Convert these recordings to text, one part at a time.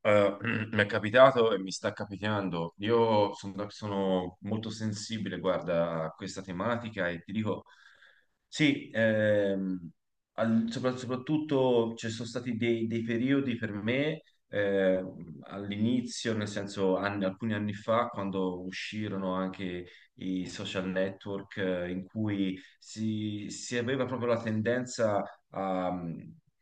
Eh, mi è capitato e mi sta capitando. Io sono molto sensibile, guarda, a questa tematica e ti dico, sì, soprattutto ci sono stati dei periodi per me all'inizio, nel senso alcuni anni fa, quando uscirono anche i social network in cui si aveva proprio la tendenza a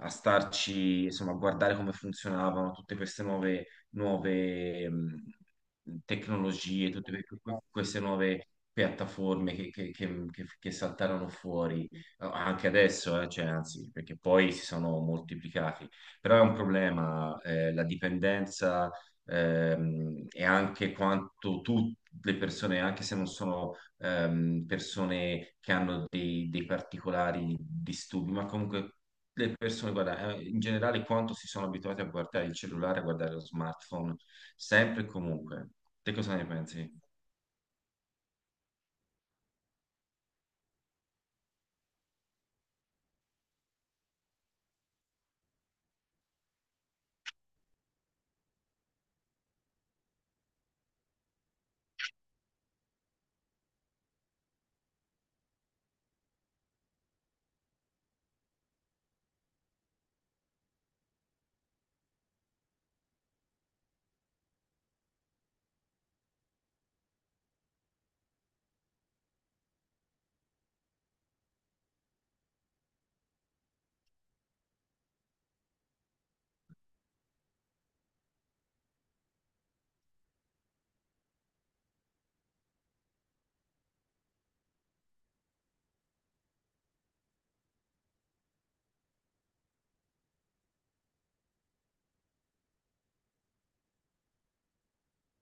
starci, insomma, a guardare come funzionavano tutte queste nuove tecnologie, tutte queste nuove piattaforme che saltarono fuori anche adesso, cioè, anzi, perché poi si sono moltiplicati. Però è un problema, la dipendenza, e anche quanto tutte le persone, anche se non sono persone che hanno dei particolari disturbi, ma comunque le persone, guarda, in generale quanto si sono abituati a guardare il cellulare, a guardare lo smartphone, sempre e comunque. Te cosa ne pensi?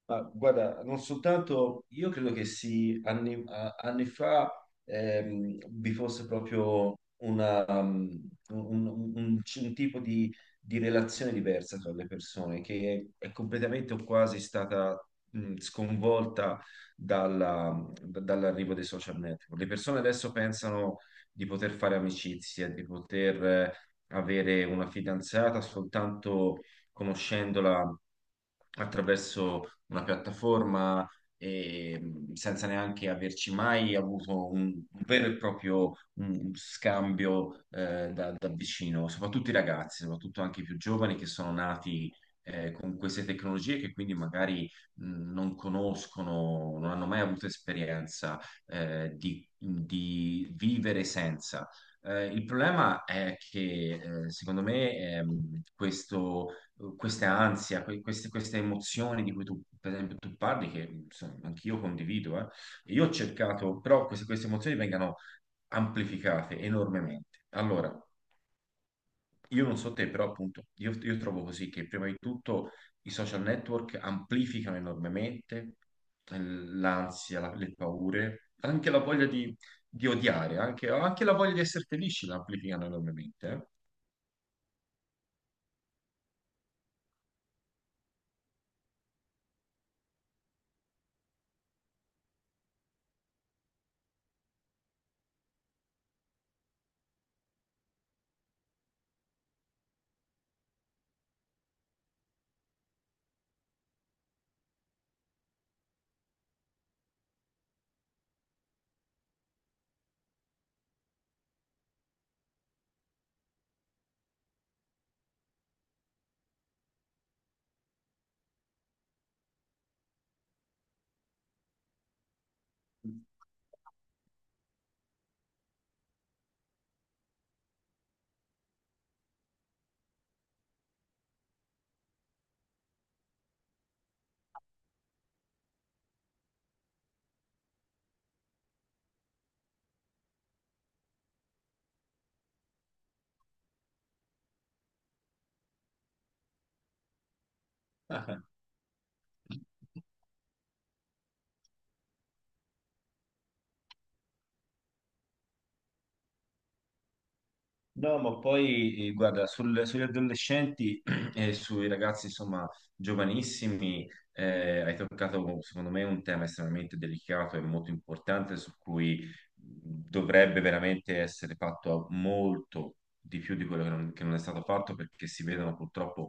Ma guarda, non soltanto, io credo che sì, anni fa vi fosse proprio una, um, un, un- un tipo di relazione diversa tra le persone che è completamente o quasi stata sconvolta dall'arrivo dei social network. Le persone adesso pensano di poter fare amicizie, di poter avere una fidanzata soltanto conoscendola attraverso una piattaforma e senza neanche averci mai avuto un vero e proprio scambio da vicino, soprattutto i ragazzi, soprattutto anche i più giovani che sono nati con queste tecnologie che quindi magari non conoscono, non hanno mai avuto esperienza di vivere senza. Il problema è che secondo me, questo questa ansia, queste emozioni di cui tu, per esempio, tu parli, che insomma, anch'io condivido, eh. Io ho cercato, però queste emozioni vengano amplificate enormemente. Allora, io non so te, però appunto, io trovo così che prima di tutto i social network amplificano enormemente, l'ansia, le paure, anche la voglia di odiare, anche, anche la voglia di essere felici la amplificano enormemente. Eh. No, ma poi guarda, sugli adolescenti e sui ragazzi, insomma, giovanissimi, hai toccato, secondo me, un tema estremamente delicato e molto importante su cui dovrebbe veramente essere fatto molto di più di quello che non è stato fatto, perché si vedono purtroppo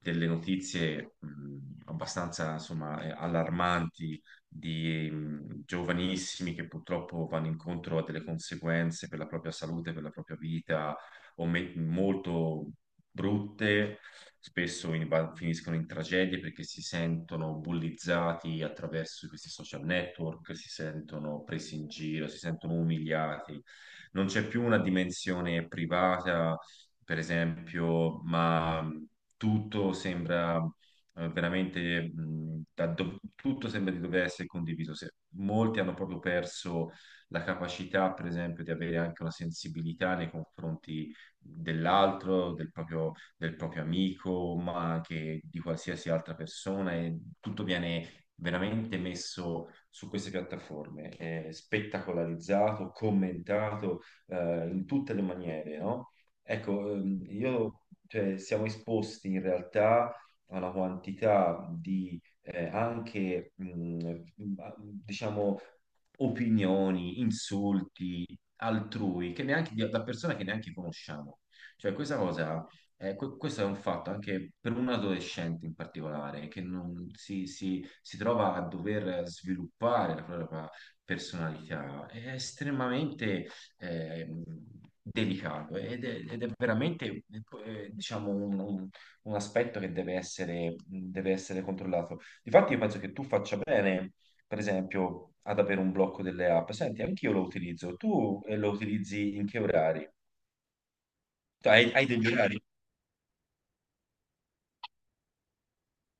delle notizie, abbastanza, insomma, allarmanti di giovanissimi che purtroppo vanno incontro a delle conseguenze per la propria salute, per la propria vita molto brutte, spesso finiscono in tragedie perché si sentono bullizzati attraverso questi social network, si sentono presi in giro, si sentono umiliati. Non c'è più una dimensione privata, per esempio, ma tutto sembra veramente tutto sembra di dover essere condiviso. Molti hanno proprio perso la capacità, per esempio, di avere anche una sensibilità nei confronti dell'altro, del proprio amico, ma anche di qualsiasi altra persona e tutto viene veramente messo su queste piattaforme, spettacolarizzato, commentato in tutte le maniere, no? Ecco, io, cioè, siamo esposti in realtà a una quantità di anche, diciamo, opinioni, insulti, altrui, che neanche, da persone che neanche conosciamo. Cioè, questa cosa, questo è un fatto anche per un adolescente in particolare, che non si, si- si trova a dover sviluppare la propria personalità. È estremamente ehm, delicato ed è veramente, diciamo, un aspetto che deve essere controllato. Difatti, io penso che tu faccia bene, per esempio, ad avere un blocco delle app. Senti, anch'io lo utilizzo. Tu lo utilizzi in che orari? Tu hai degli orari?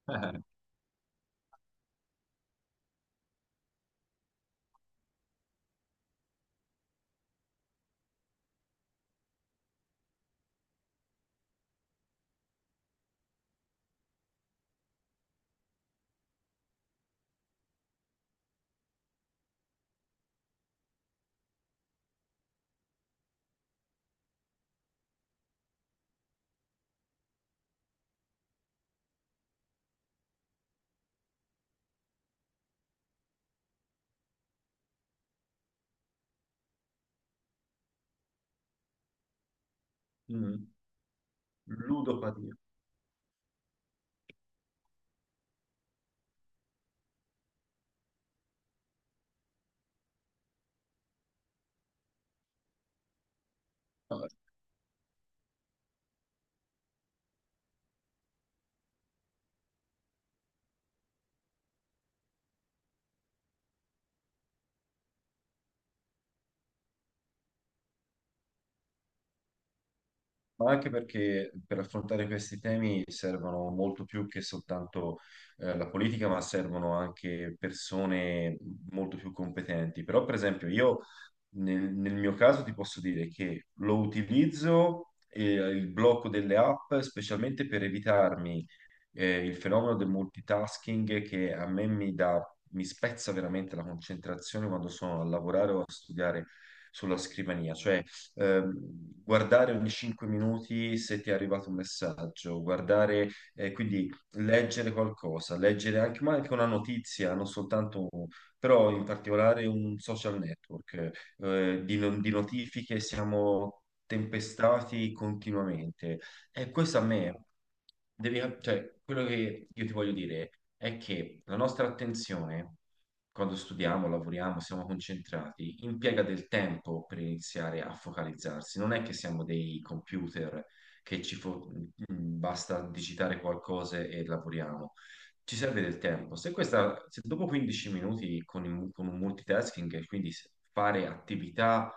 Eh, mm, Ludopatia. Vabbè. Ma anche perché per affrontare questi temi servono molto più che soltanto la politica, ma servono anche persone molto più competenti. Però, per esempio, io nel mio caso ti posso dire che lo utilizzo, il blocco delle app, specialmente per evitarmi il fenomeno del multitasking che a me mi dà, mi spezza veramente la concentrazione quando sono a lavorare o a studiare sulla scrivania, cioè ehm, guardare ogni 5 minuti se ti è arrivato un messaggio, guardare, quindi leggere qualcosa, leggere anche, ma anche una notizia, non soltanto, però in particolare un social network, di, no- di notifiche siamo tempestati continuamente. E questo a me, cioè, quello che io ti voglio dire è che la nostra attenzione, quando studiamo, lavoriamo, siamo concentrati, impiega del tempo per iniziare a focalizzarsi. Non è che siamo dei computer che ci fo- mm, mm, basta digitare qualcosa e lavoriamo. Ci serve del tempo. Se dopo 15 minuti con, con un multitasking, quindi fare attività,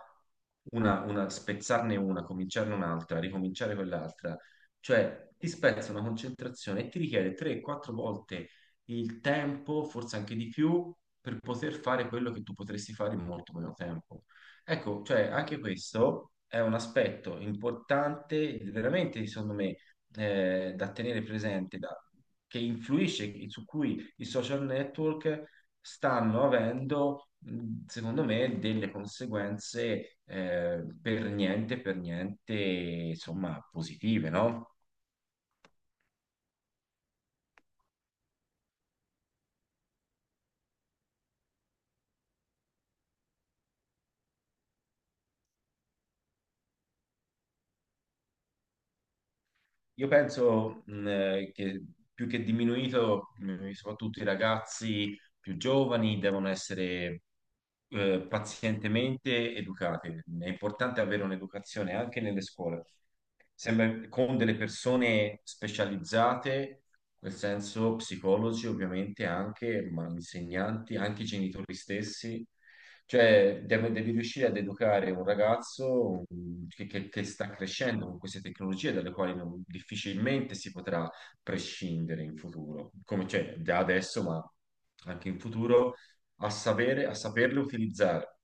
spezzarne una, cominciarne un'altra, ricominciare quell'altra, cioè, ti spezza una concentrazione e ti richiede 3-4 volte il tempo, forse anche di più, per poter fare quello che tu potresti fare in molto meno tempo. Ecco, cioè, anche questo è un aspetto importante, veramente, secondo me, da tenere presente, che influisce, su cui i social network stanno avendo, secondo me, delle conseguenze per niente, insomma, positive, no? Io penso che più che diminuito, soprattutto i ragazzi più giovani devono essere pazientemente educati. È importante avere un'educazione anche nelle scuole, sempre con delle persone specializzate, nel senso psicologi ovviamente anche, ma insegnanti, anche i genitori stessi. Cioè, devi riuscire ad educare un ragazzo che sta crescendo con queste tecnologie dalle quali difficilmente si potrà prescindere in futuro, come cioè, da adesso, ma anche in futuro, a sapere, a saperle utilizzare,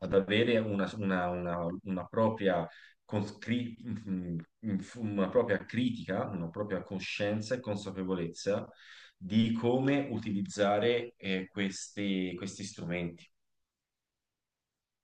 ad avere una propria, una propria critica, una propria coscienza e consapevolezza di come utilizzare questi strumenti.